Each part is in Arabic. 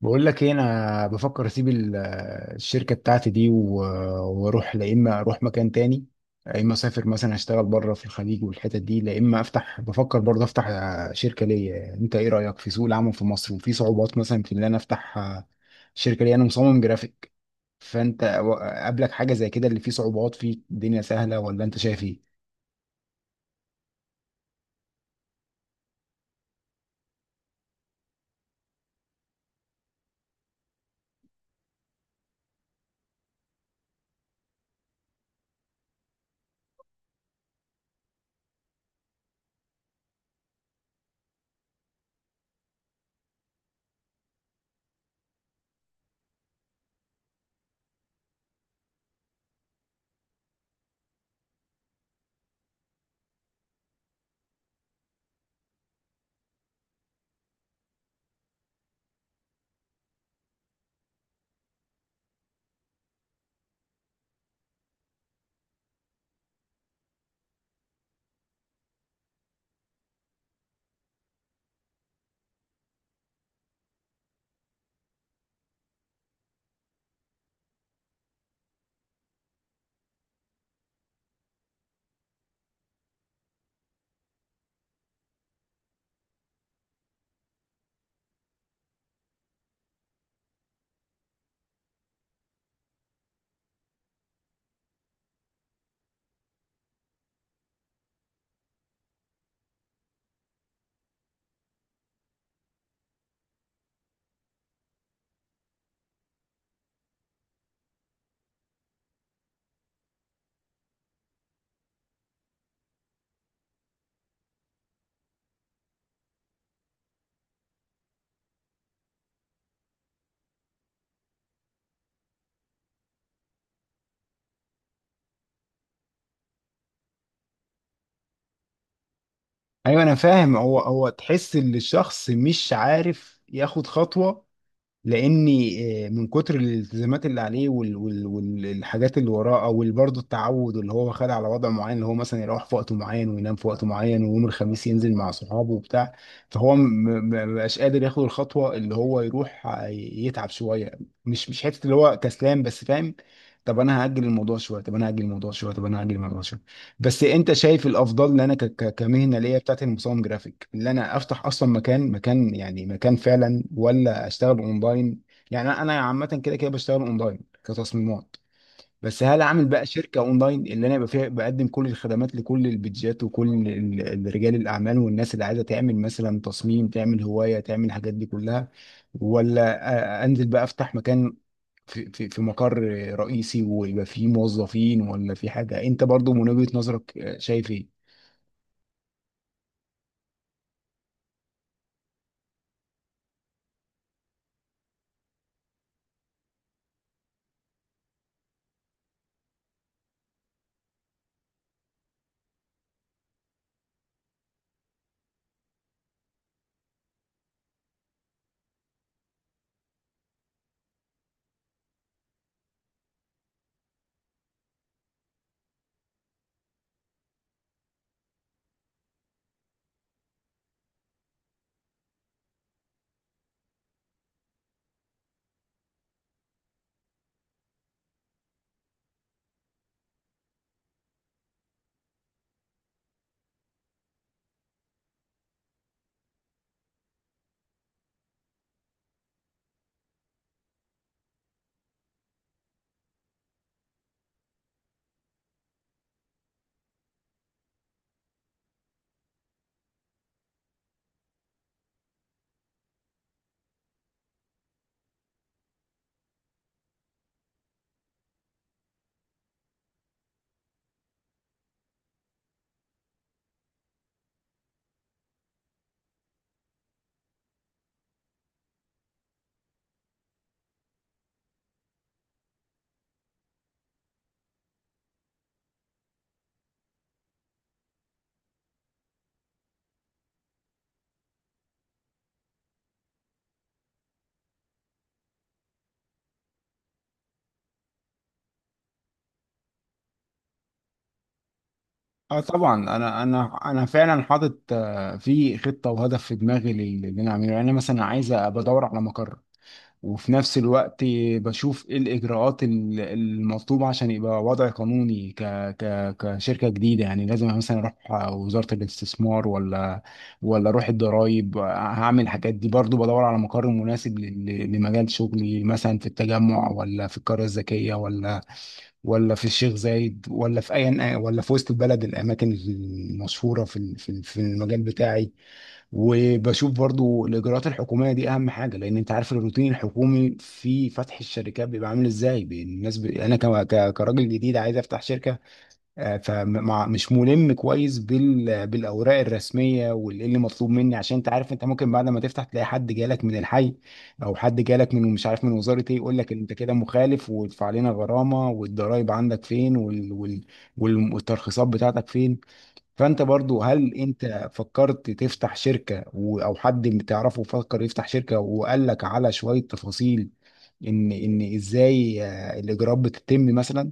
بقول لك ايه، انا بفكر اسيب الشركه بتاعتي دي واروح، لا اما اروح مكان تاني يا اما اسافر مثلا اشتغل بره في الخليج والحتت دي، لا اما افتح، بفكر برضه افتح شركه ليا. انت ايه رايك في سوق العمل في مصر؟ وفي صعوبات مثلا في ان انا افتح شركه ليا؟ انا مصمم جرافيك. قابلك حاجه زي كده؟ اللي فيه صعوبات، فيه الدنيا سهله، ولا انت شايف ايه؟ ايوه انا فاهم. هو تحس ان الشخص مش عارف ياخد خطوه لاني من كتر الالتزامات اللي عليه والحاجات اللي وراه، او برضه التعود اللي هو خد على وضع معين، اللي هو مثلا يروح في وقت معين وينام في وقت معين، ويوم الخميس ينزل مع صحابه وبتاع. فهو ما بقاش قادر ياخد الخطوه، اللي هو يروح يتعب شويه. مش حته اللي هو كسلان، بس فاهم. طب انا هاجل الموضوع شويه، طب انا هاجل الموضوع شويه، طب انا هاجل الموضوع شويه. بس انت شايف الافضل ان انا كمهنه ليا بتاعت المصمم جرافيك، اللي انا افتح اصلا مكان، مكان فعلا، ولا اشتغل اونلاين؟ يعني انا عامه كده بشتغل اونلاين كتصميمات. بس هل اعمل بقى شركه اونلاين اللي انا يبقى فيها بقدم كل الخدمات لكل البيدجات وكل رجال الاعمال والناس اللي عايزه تعمل مثلا تصميم، تعمل هوايه، تعمل الحاجات دي كلها؟ ولا انزل بقى افتح مكان، في مقر رئيسي ويبقى فيه موظفين، ولا في حاجة؟ انت برضو من وجهة نظرك شايف ايه؟ اه طبعا، انا فعلا حاطط في خطه وهدف في دماغي اللي انا اعمله. يعني انا مثلا عايز ابقى ادور على مقر، وفي نفس الوقت بشوف ايه الاجراءات المطلوبه عشان يبقى وضع قانوني ك ك كشركه جديده. يعني لازم مثلا اروح وزاره الاستثمار ولا اروح الضرايب، هعمل الحاجات دي. برضو بدور على مقر مناسب لمجال شغلي، مثلا في التجمع ولا في القريه الذكيه ولا في الشيخ زايد ولا في اي، ولا في وسط البلد، الاماكن المشهوره في المجال بتاعي. وبشوف برضو الاجراءات الحكوميه دي اهم حاجه، لان انت عارف الروتين الحكومي في فتح الشركات بيبقى عامل ازاي. الناس انا كراجل جديد عايز افتح شركه، فمش ملم كويس بالاوراق الرسميه وايه اللي مطلوب مني. عشان انت عارف، انت ممكن بعد ما تفتح تلاقي حد جالك من الحي، او حد جالك من مش عارف من وزاره ايه يقول لك انت كده مخالف، وادفع لنا غرامه، والضرايب عندك فين، والترخيصات بتاعتك فين. فانت برضو هل انت فكرت تفتح شركة، او حد بتعرفه فكر يفتح شركة وقال لك على شوية تفاصيل ان ازاي الاجراءات بتتم مثلا؟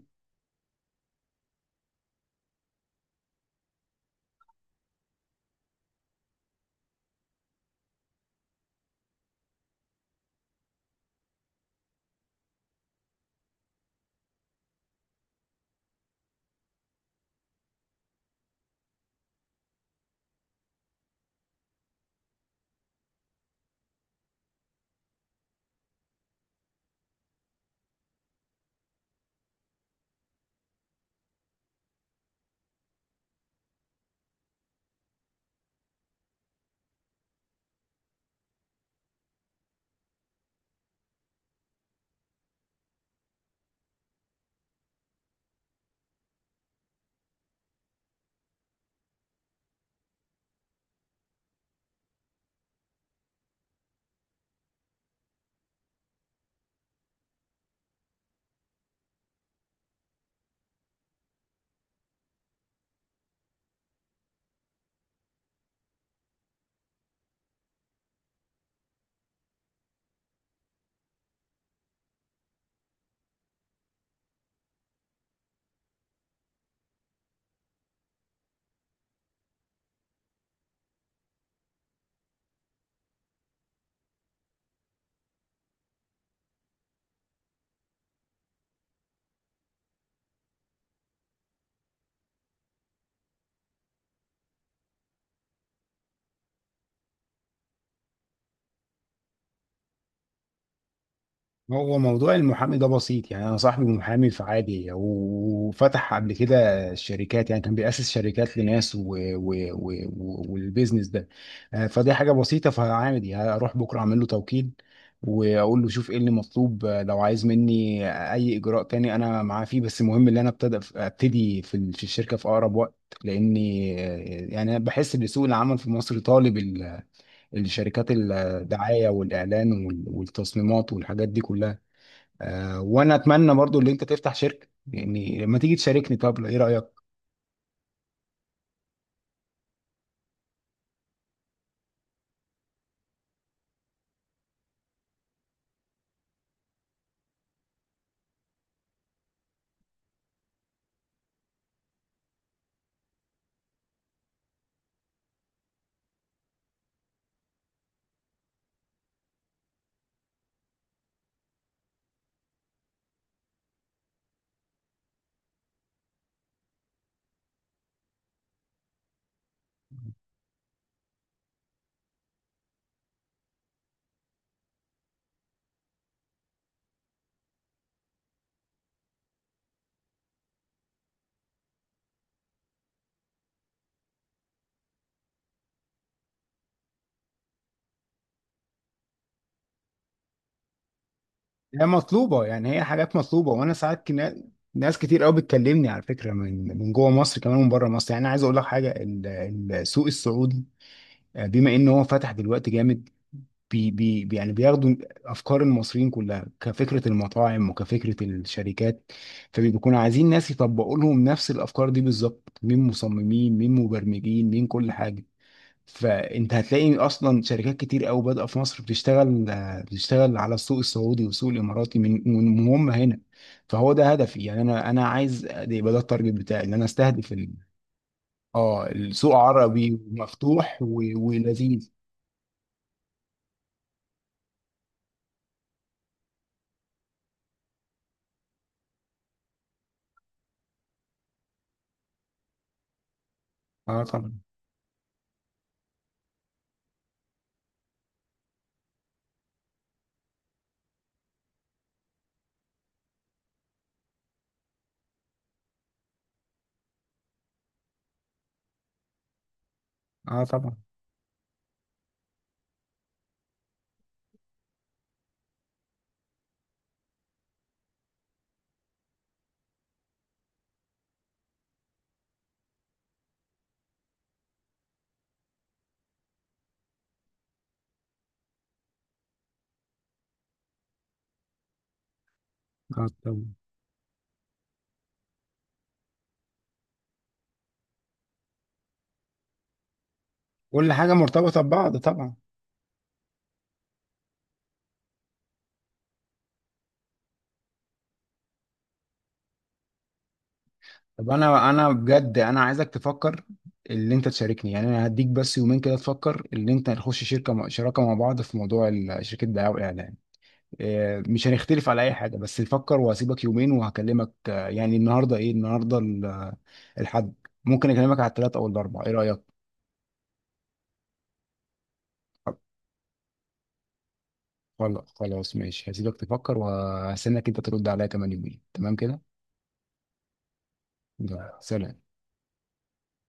هو موضوع المحامي ده بسيط. يعني انا صاحبي محامي، فعادي، وفتح قبل كده شركات، يعني كان بيأسس شركات لناس والبيزنس ده. فدي حاجة بسيطة، فعادي هروح بكرة اعمل له توكيل، واقول له شوف ايه اللي مطلوب لو عايز مني اي اجراء تاني انا معاه فيه. بس المهم ان انا ابتدي في الشركة في اقرب وقت، لاني يعني أنا بحس ان سوق العمل في مصر طالب الشركات، الدعاية والاعلان والتصميمات والحاجات دي كلها. وانا اتمنى برضو ان انت تفتح شركه، يعني لما تيجي تشاركني. طب ايه رايك؟ هي مطلوبه، يعني هي حاجات مطلوبه. وانا ساعات ناس كتير قوي بتكلمني على فكره من جوه مصر كمان، من بره مصر. يعني انا عايز اقول لك حاجه، السوق السعودي بما ان هو فتح دلوقتي جامد، يعني بياخدوا افكار المصريين كلها، كفكره المطاعم وكفكره الشركات. فبيكونوا عايزين ناس يطبقوا لهم نفس الافكار دي بالظبط، مين مصممين، مين مبرمجين، مين كل حاجه. فانت هتلاقي اصلا شركات كتير قوي بادئه في مصر بتشتغل، بتشتغل على السوق السعودي والسوق الاماراتي من هم هنا. فهو ده هدفي، يعني انا عايز ده يبقى، ده التارجت بتاعي، ان انا استهدف اه السوق عربي ومفتوح ولذيذ. اه طبعا. اه طبعا. اه طبعا. كل حاجه مرتبطه ببعض طبعا. طب انا انا بجد انا عايزك تفكر اللي انت تشاركني. يعني انا هديك بس يومين كده تفكر اللي انت نخش شركه شراكه مع بعض في موضوع شركه دعايه واعلان. مش هنختلف على اي حاجه، بس نفكر. وهسيبك يومين وهكلمك يعني النهارده ايه؟ النهارده الحد. ممكن اكلمك على الثلاث او الاربع، ايه رايك؟ خلاص ماشي، هسيبك تفكر وهستناك انت ترد عليا كمان يومين، تمام كده. يلا، سلام.